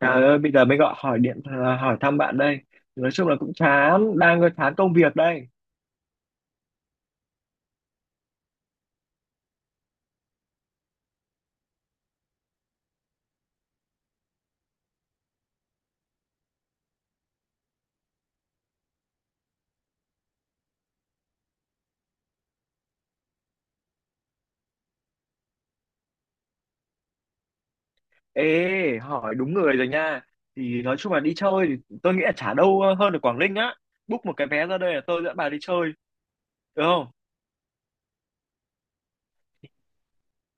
Trời ơi, bây giờ mới gọi hỏi điện à, hỏi thăm bạn đây. Nói chung là cũng chán, đang chán công việc đây. Ê, hỏi đúng người rồi nha. Thì nói chung là đi chơi thì tôi nghĩ là chả đâu hơn ở Quảng Ninh á. Book một cái vé ra đây là tôi dẫn bà đi chơi, được không?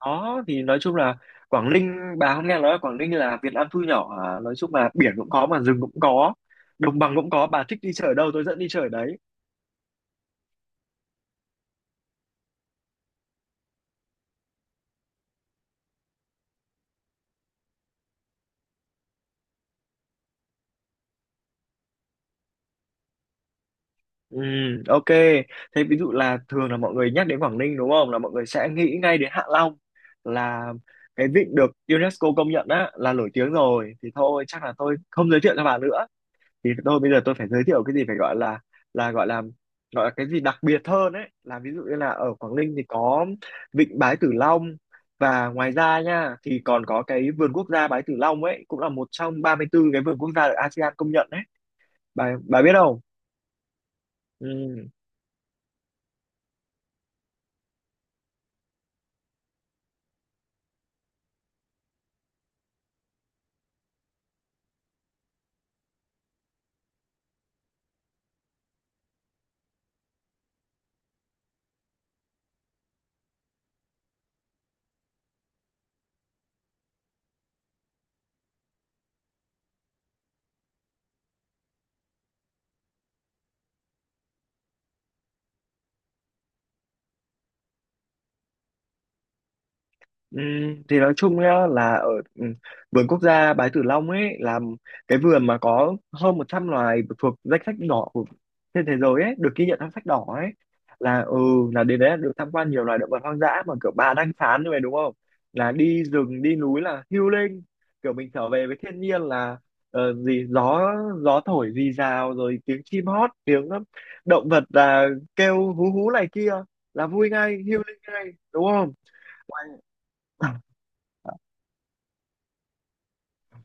Đó, thì nói chung là Quảng Ninh, bà không nghe nói là Quảng Ninh là Việt Nam thu nhỏ à? Nói chung là biển cũng có mà rừng cũng có, đồng bằng cũng có, bà thích đi chơi ở đâu tôi dẫn đi chơi ở đấy. Ừ, ok. Thế ví dụ là thường là mọi người nhắc đến Quảng Ninh đúng không? Là mọi người sẽ nghĩ ngay đến Hạ Long là cái vịnh được UNESCO công nhận á là nổi tiếng rồi. Thì thôi chắc là tôi không giới thiệu cho bà nữa. Thì tôi bây giờ tôi phải giới thiệu cái gì phải gọi là là gọi là cái gì đặc biệt hơn ấy. Là ví dụ như là ở Quảng Ninh thì có vịnh Bái Tử Long và ngoài ra nha thì còn có cái vườn quốc gia Bái Tử Long ấy cũng là một trong 34 cái vườn quốc gia được ASEAN công nhận ấy. Bà biết không? Ừ. Ừ, thì nói chung nhá là ở ừ, vườn quốc gia Bái Tử Long ấy là cái vườn mà có hơn 100 loài thuộc danh sách đỏ của trên thế giới ấy, được ghi nhận trong sách đỏ ấy là là đến đấy là được tham quan nhiều loài động vật hoang dã, mà kiểu bà đang phán như vậy đúng không, là đi rừng đi núi là healing, kiểu mình trở về với thiên nhiên là ờ, gì gió gió thổi rì rào, rồi tiếng chim hót, tiếng động vật là kêu hú hú này kia, là vui ngay, healing ngay, đúng không? Ngoài-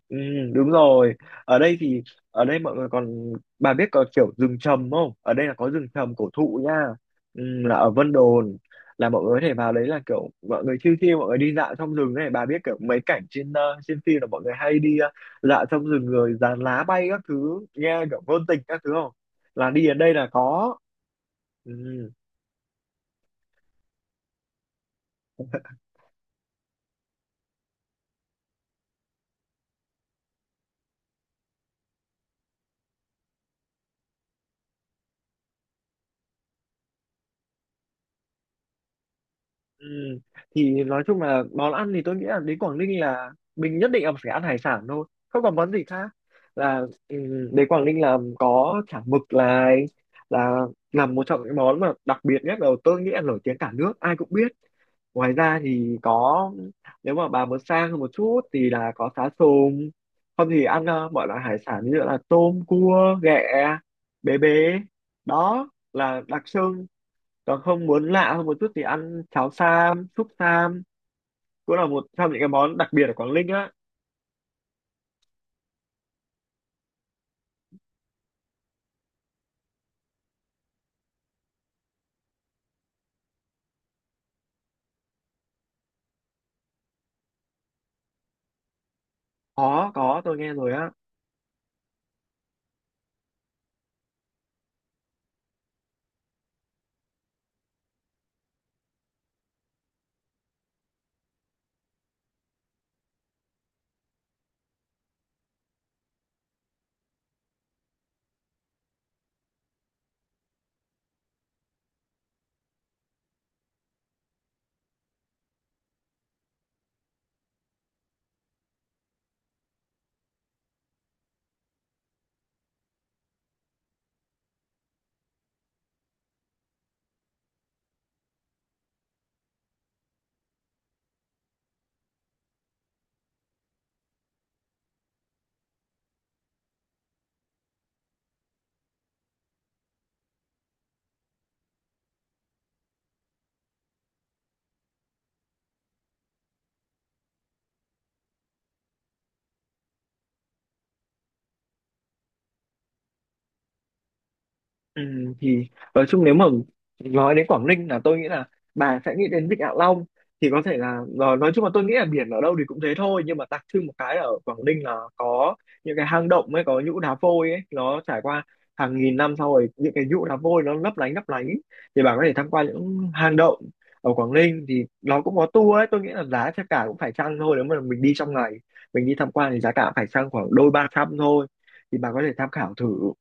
Ừ, đúng rồi. Ở đây thì ở đây mọi người còn, bà biết có kiểu rừng trầm không? Ở đây là có rừng trầm cổ thụ nha. Ừ, là ở Vân Đồn là mọi người có thể vào đấy, là kiểu mọi người chill chill, mọi người đi dạo trong rừng này, bà biết kiểu mấy cảnh trên trên phim là mọi người hay đi dạo trong rừng rồi dàn lá bay các thứ, nghe kiểu ngôn tình các thứ không? Là đi đến đây là có. Ừ. Ừ. Thì nói chung là món ăn thì tôi nghĩ là đến Quảng Ninh là mình nhất định là phải ăn hải sản thôi, không còn món gì khác, là ừ, đến Quảng Ninh là có chả mực, là là một trong những món mà đặc biệt nhất, là tôi nghĩ là nổi tiếng cả nước ai cũng biết. Ngoài ra thì có, nếu mà bà muốn sang hơn một chút thì là có cá sùng, không thì ăn mọi loại hải sản như là tôm cua ghẹ bế bế, đó là đặc trưng. Còn không muốn lạ hơn một chút thì ăn cháo sam, súp sam, cũng là một trong những cái món đặc biệt ở Quảng Ninh á. Có, tôi nghe rồi á. Ừ, thì nói chung nếu mà nói đến Quảng Ninh là tôi nghĩ là bà sẽ nghĩ đến Vịnh Hạ Long. Thì có thể là nói chung là tôi nghĩ là biển ở đâu thì cũng thế thôi, nhưng mà đặc trưng một cái là ở Quảng Ninh là có những cái hang động ấy, có nhũ đá vôi ấy, nó trải qua hàng nghìn năm sau, rồi những cái nhũ đá vôi nó lấp lánh lấp lánh, thì bà có thể tham quan những hang động ở Quảng Ninh. Thì nó cũng có tour ấy, tôi nghĩ là giá sẽ cả cũng phải chăng thôi, nếu mà mình đi trong ngày, mình đi tham quan thì giá cả phải chăng, khoảng đôi ba trăm thôi, thì bà có thể tham khảo thử.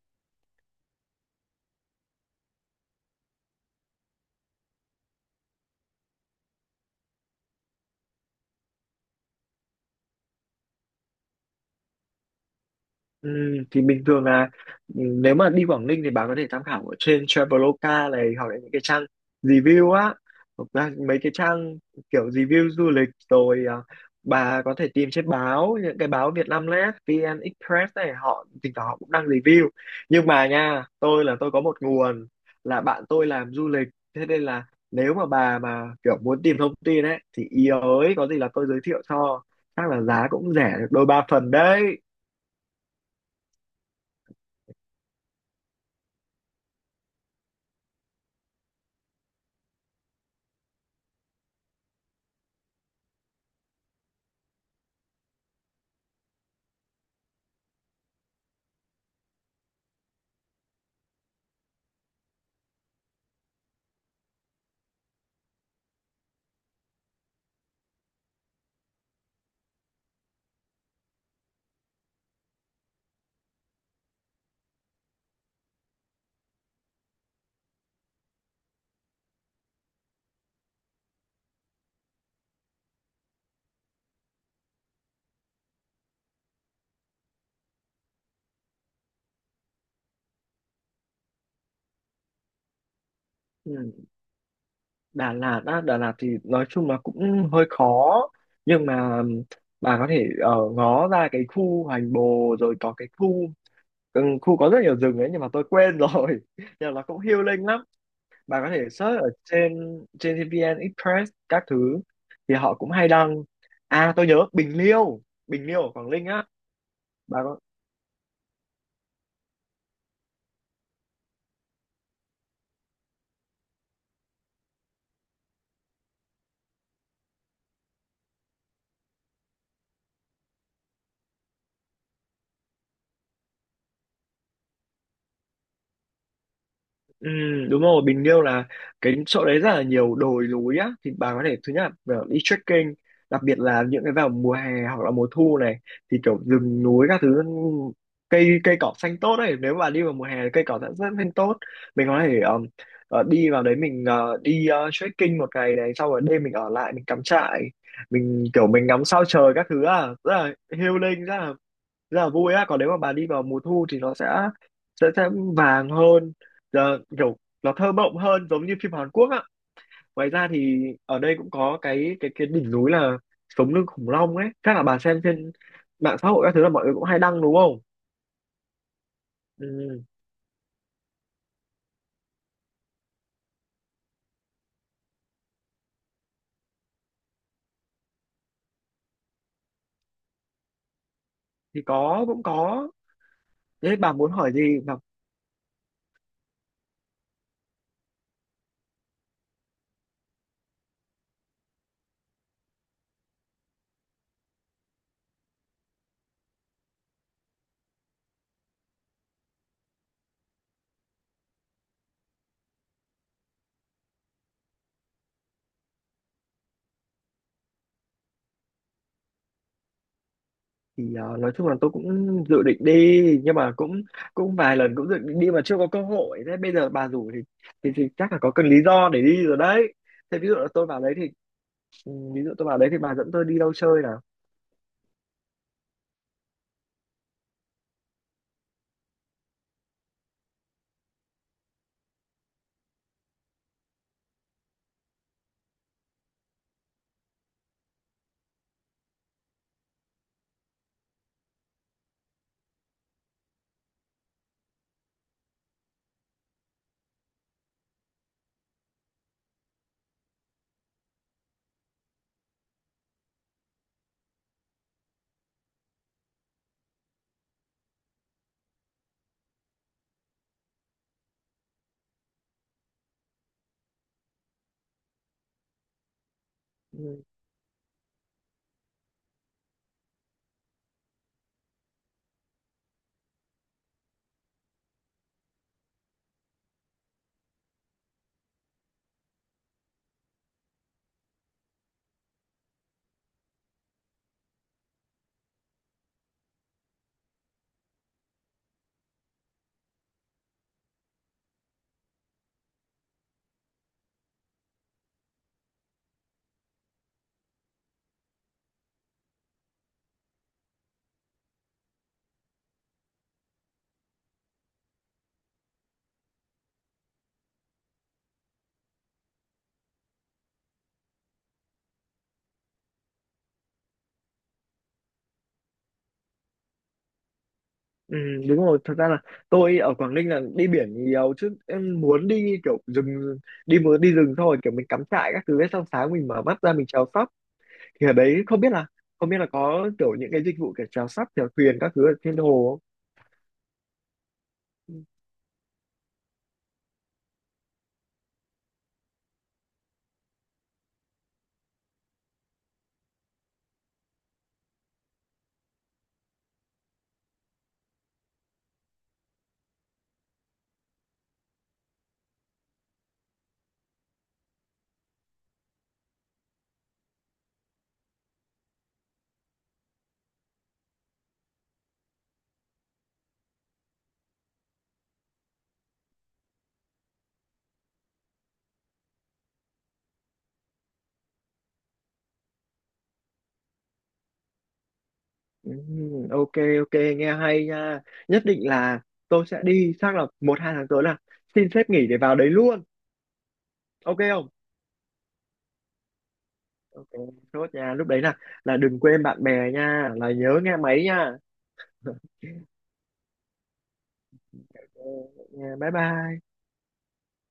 Ừ, thì bình thường là nếu mà đi Quảng Ninh thì bà có thể tham khảo ở trên Traveloka này, hoặc là những cái trang review á, hoặc là mấy cái trang kiểu review du lịch rồi à, bà có thể tìm trên báo, những cái báo Vietnamnet, VN Express này, họ thỉnh thoảng họ cũng đăng review. Nhưng mà nha, tôi là tôi có một nguồn, là bạn tôi làm du lịch, thế nên là nếu mà bà mà kiểu muốn tìm thông tin ấy thì ý ới, có gì là tôi giới thiệu cho, chắc là giá cũng rẻ được đôi ba phần đấy. Ừ. Đà Lạt á, Đà Lạt thì nói chung là cũng hơi khó, nhưng mà bà có thể ở ngó ra cái khu Hoành Bồ, rồi có cái khu có rất nhiều rừng ấy, nhưng mà tôi quên rồi nhưng mà nó cũng healing lắm. Bà có thể search ở trên trên VN Express các thứ, thì họ cũng hay đăng. À, tôi nhớ Bình Liêu, Bình Liêu ở Quảng Ninh á, bà có. Ừ, đúng rồi, Bình Liêu là cái chỗ đấy rất là nhiều đồi núi á, thì bà có thể thứ nhất là đi trekking, đặc biệt là những cái vào mùa hè hoặc là mùa thu này, thì kiểu rừng núi các thứ, cây cây cỏ xanh tốt đấy, nếu bà đi vào mùa hè thì cây cỏ đã rất xanh tốt. Mình có thể đi vào đấy, mình đi trekking một ngày này, sau rồi đêm mình ở lại, mình cắm trại, mình kiểu mình ngắm sao trời các thứ, à rất là healing, rất là vui á. Còn nếu mà bà đi vào mùa thu thì nó sẽ vàng hơn, giờ kiểu nó thơ mộng hơn, giống như phim Hàn Quốc á. Ngoài ra thì ở đây cũng có cái đỉnh núi là sống lưng khủng long ấy, chắc là bà xem trên mạng xã hội các thứ là mọi người cũng hay đăng đúng không. Ừ. Thì có, cũng có. Thế bà muốn hỏi gì mà? Thì nói chung là tôi cũng dự định đi, nhưng mà cũng cũng vài lần cũng dự định đi mà chưa có cơ hội, thế bây giờ bà rủ thì thì chắc là có cần lý do để đi rồi đấy. Thế ví dụ là tôi vào đấy thì ví dụ tôi bảo đấy thì bà dẫn tôi đi đâu chơi nào. Ừ, ừ, đúng rồi, thật ra là tôi ở Quảng Ninh là đi biển nhiều, chứ em muốn đi rừng thôi, kiểu mình cắm trại các thứ ấy, xong sáng mình mở mắt ra mình chèo sắp, thì ở đấy không biết là có kiểu những cái dịch vụ kiểu chèo sắp chèo thuyền các thứ ở trên hồ không. Ừ, ok, ok, nghe hay nha. Nhất định là tôi sẽ đi, chắc là một hai tháng tới là xin phép nghỉ để vào đấy luôn. Ok không? Ok, chốt nha. Lúc đấy là đừng quên bạn bè nha, là nhớ nghe máy nha. Ok, nha. Bye bye.